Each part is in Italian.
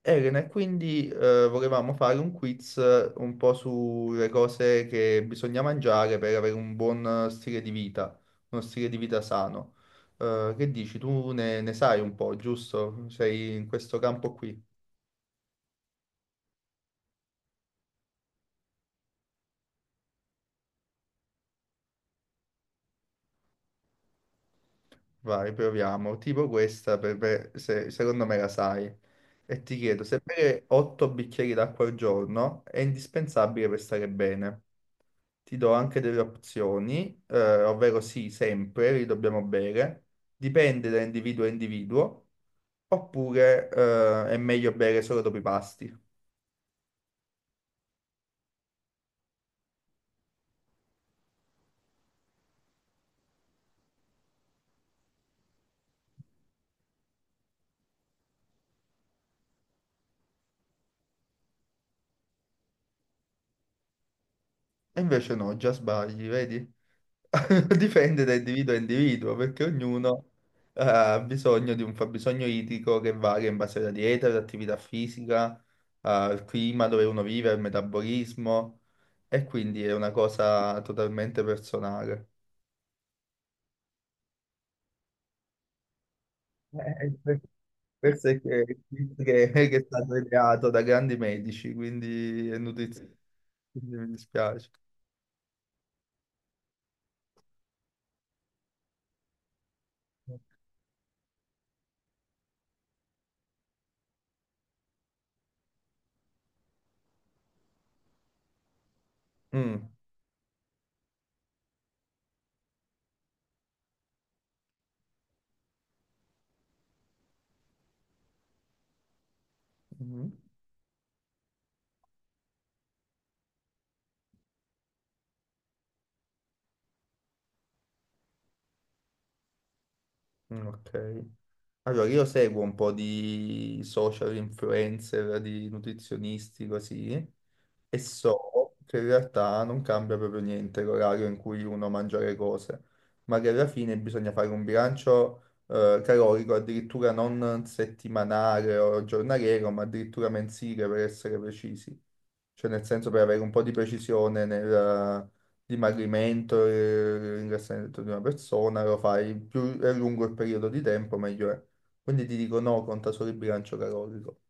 Elena, e quindi volevamo fare un quiz, un po' sulle cose che bisogna mangiare per avere un buon stile di vita, uno stile di vita sano. Che dici? Tu ne sai un po', giusto? Sei in questo campo qui. Vai, proviamo. Tipo questa, secondo me la sai. E ti chiedo, se bere 8 bicchieri d'acqua al giorno è indispensabile per stare bene. Ti do anche delle opzioni, ovvero sì, sempre li dobbiamo bere, dipende da individuo a individuo, oppure, è meglio bere solo dopo i pasti. E invece no, già sbagli, vedi? Dipende da individuo a individuo, perché ognuno ha bisogno di un fabbisogno idrico che varia in base alla dieta, all'attività fisica, al clima dove uno vive, al metabolismo, e quindi è una cosa totalmente personale. Eh, per- Questo è che, che è stato ideato da grandi medici, quindi è nutrizio. Quindi mi dispiace. Mm, mm, mm, ok. Allora, io seguo un po' di social influencer, di nutrizionisti, così. E so che in realtà non cambia proprio niente l'orario in cui uno mangia le cose, ma che alla fine bisogna fare un bilancio, calorico, addirittura non settimanale o giornaliero, ma addirittura mensile per essere precisi, cioè nel senso per avere un po' di precisione nel, dimagrimento e ringraziamento di una persona, lo fai più è lungo il periodo di tempo, meglio è. Quindi ti dico no, conta solo il bilancio calorico.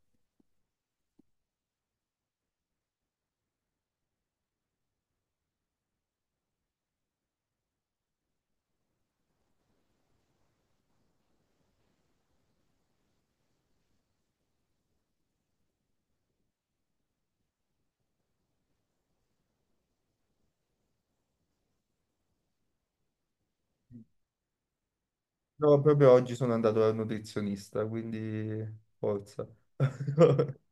No, proprio oggi sono andato dal nutrizionista, quindi forza.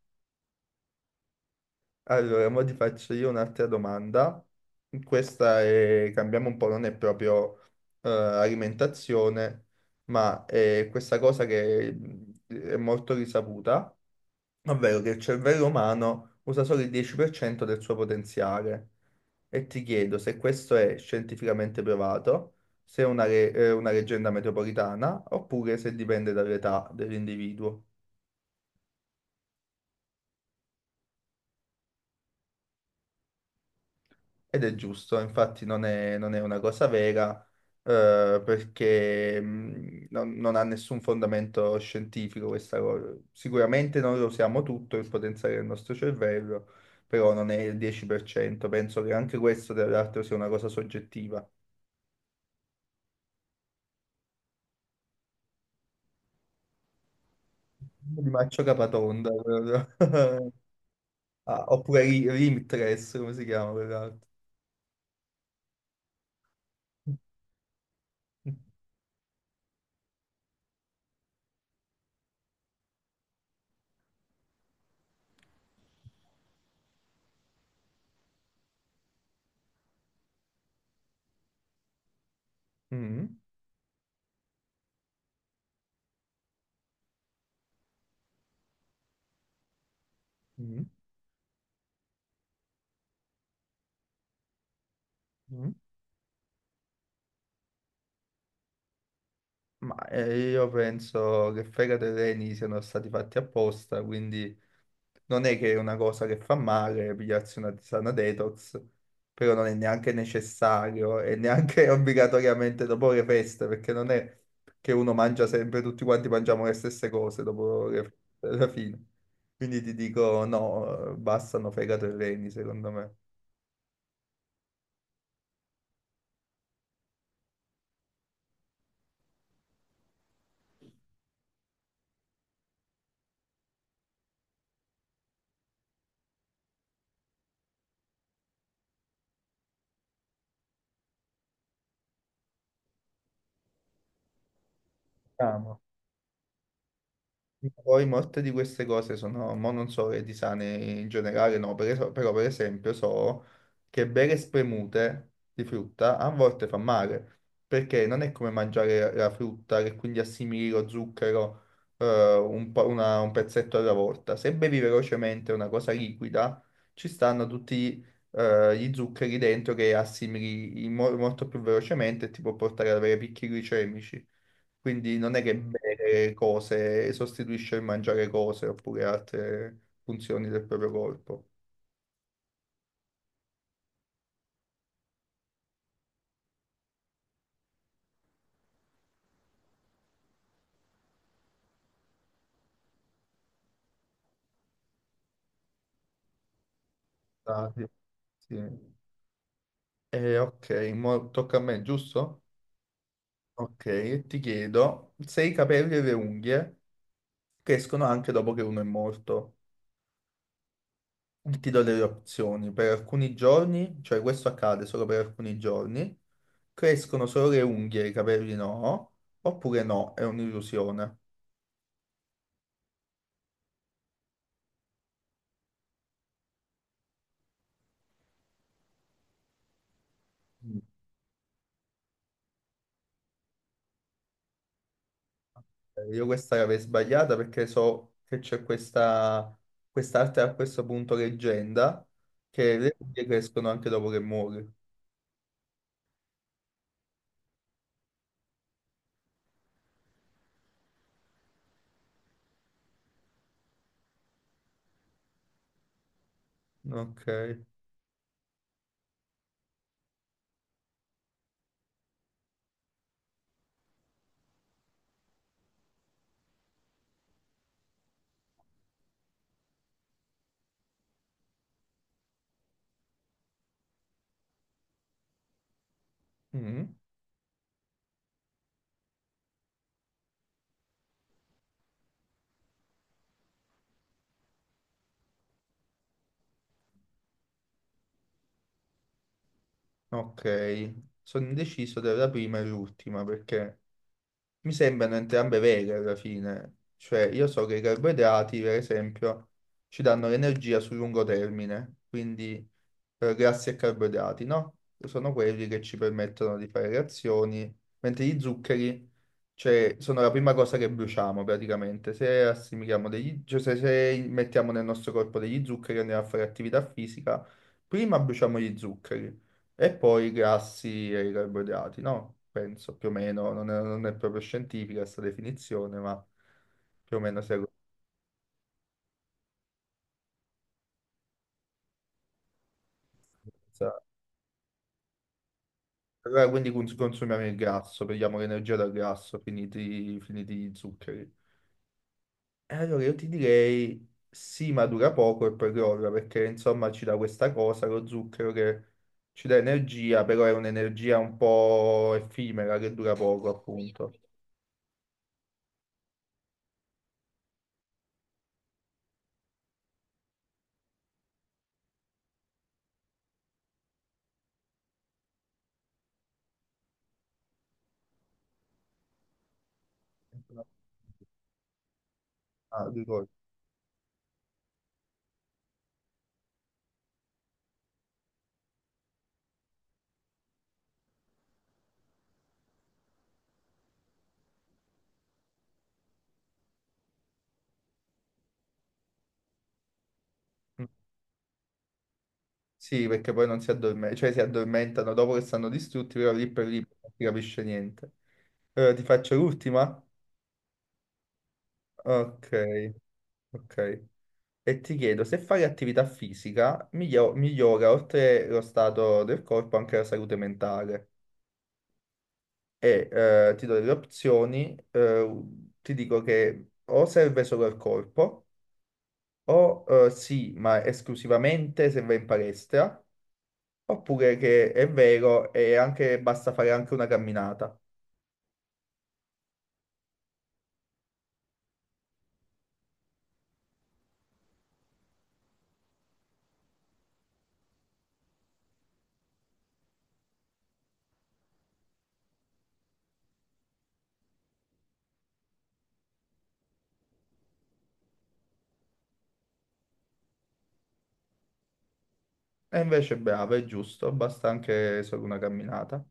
Allora, ora ti faccio io un'altra domanda. Questa è, cambiamo un po', non è proprio, alimentazione, ma è questa cosa che è molto risaputa, ovvero che il cervello umano usa solo il 10% del suo potenziale. E ti chiedo se questo è scientificamente provato, se è una, una leggenda metropolitana, oppure se dipende dall'età dell'individuo. Ed è giusto, infatti non è una cosa vera, perché non ha nessun fondamento scientifico questa cosa. Sicuramente noi lo usiamo tutto il potenziale del nostro cervello, però non è il 10%. Penso che anche questo, tra l'altro, sia una cosa soggettiva. Di Maccio Capatonda. proprio. Ah, oppure Limitless, come si chiama quell'altro? Mm, mm, mm. Mm. Ma io penso che fegato e reni siano stati fatti apposta, quindi non è che è una cosa che fa male pigliarsi una tisana detox, però non è neanche necessario e neanche obbligatoriamente dopo le feste, perché non è che uno mangia sempre, tutti quanti mangiamo le stesse cose dopo le feste, alla fine. Quindi ti dico no, bastano fegato e reni, secondo me. Amo. Poi molte di queste cose sono, mo non so le di sane in generale, no, però per esempio so che bere spremute di frutta a volte fa male, perché non è come mangiare la frutta che quindi assimili lo zucchero, un pezzetto alla volta. Se bevi velocemente una cosa liquida, ci stanno tutti, gli zuccheri dentro che assimili in molto più velocemente e ti può portare ad avere picchi glicemici. Quindi non è che bere cose sostituisce il mangiare cose oppure altre funzioni del proprio corpo. Ah, sì. Sì. Ok, mo tocca a me, giusto? Ok, e ti chiedo se i capelli e le unghie crescono anche dopo che uno è morto. Ti do delle opzioni. Per alcuni giorni, cioè questo accade solo per alcuni giorni, crescono solo le unghie, i capelli no, oppure no, è un'illusione. Io questa l'avevo sbagliata perché so che c'è questa quest'arte a questo punto leggenda che le figlie crescono anche dopo che muori. Ok. Mm, ok. Sono indeciso tra la prima e l'ultima perché mi sembrano entrambe vere alla fine. Cioè, io so che i carboidrati, per esempio, ci danno l'energia sul lungo termine, quindi, grassi e carboidrati, no? Sono quelli che ci permettono di fare reazioni, mentre gli zuccheri, cioè, sono la prima cosa che bruciamo praticamente. Se assimiliamo degli, cioè, se mettiamo nel nostro corpo degli zuccheri e andiamo a fare attività fisica, prima bruciamo gli zuccheri e poi i grassi e i carboidrati, no? Penso più o meno, non è proprio scientifica questa definizione, ma più o meno si è. Allora, quindi consumiamo il grasso, prendiamo l'energia dal grasso, finiti, finiti gli zuccheri. E allora io ti direi sì, ma dura poco e poi crolla, perché insomma ci dà questa cosa, lo zucchero, che ci dà energia, però è un'energia un po' effimera che dura poco, appunto. Ah, ricordo. Mm. Sì, perché poi non si addormentano, cioè si addormentano dopo che stanno distrutti, però lì per lì non si capisce niente. Allora, ti faccio l'ultima? Ok, ok. E ti chiedo, se fare attività fisica migliora, oltre lo stato del corpo, anche la salute mentale. E, ti do delle opzioni, ti dico che o serve solo al corpo, o, sì, ma esclusivamente se vai in palestra, oppure che è vero e anche, basta fare anche una camminata. E invece bravo, è giusto, basta anche solo una camminata.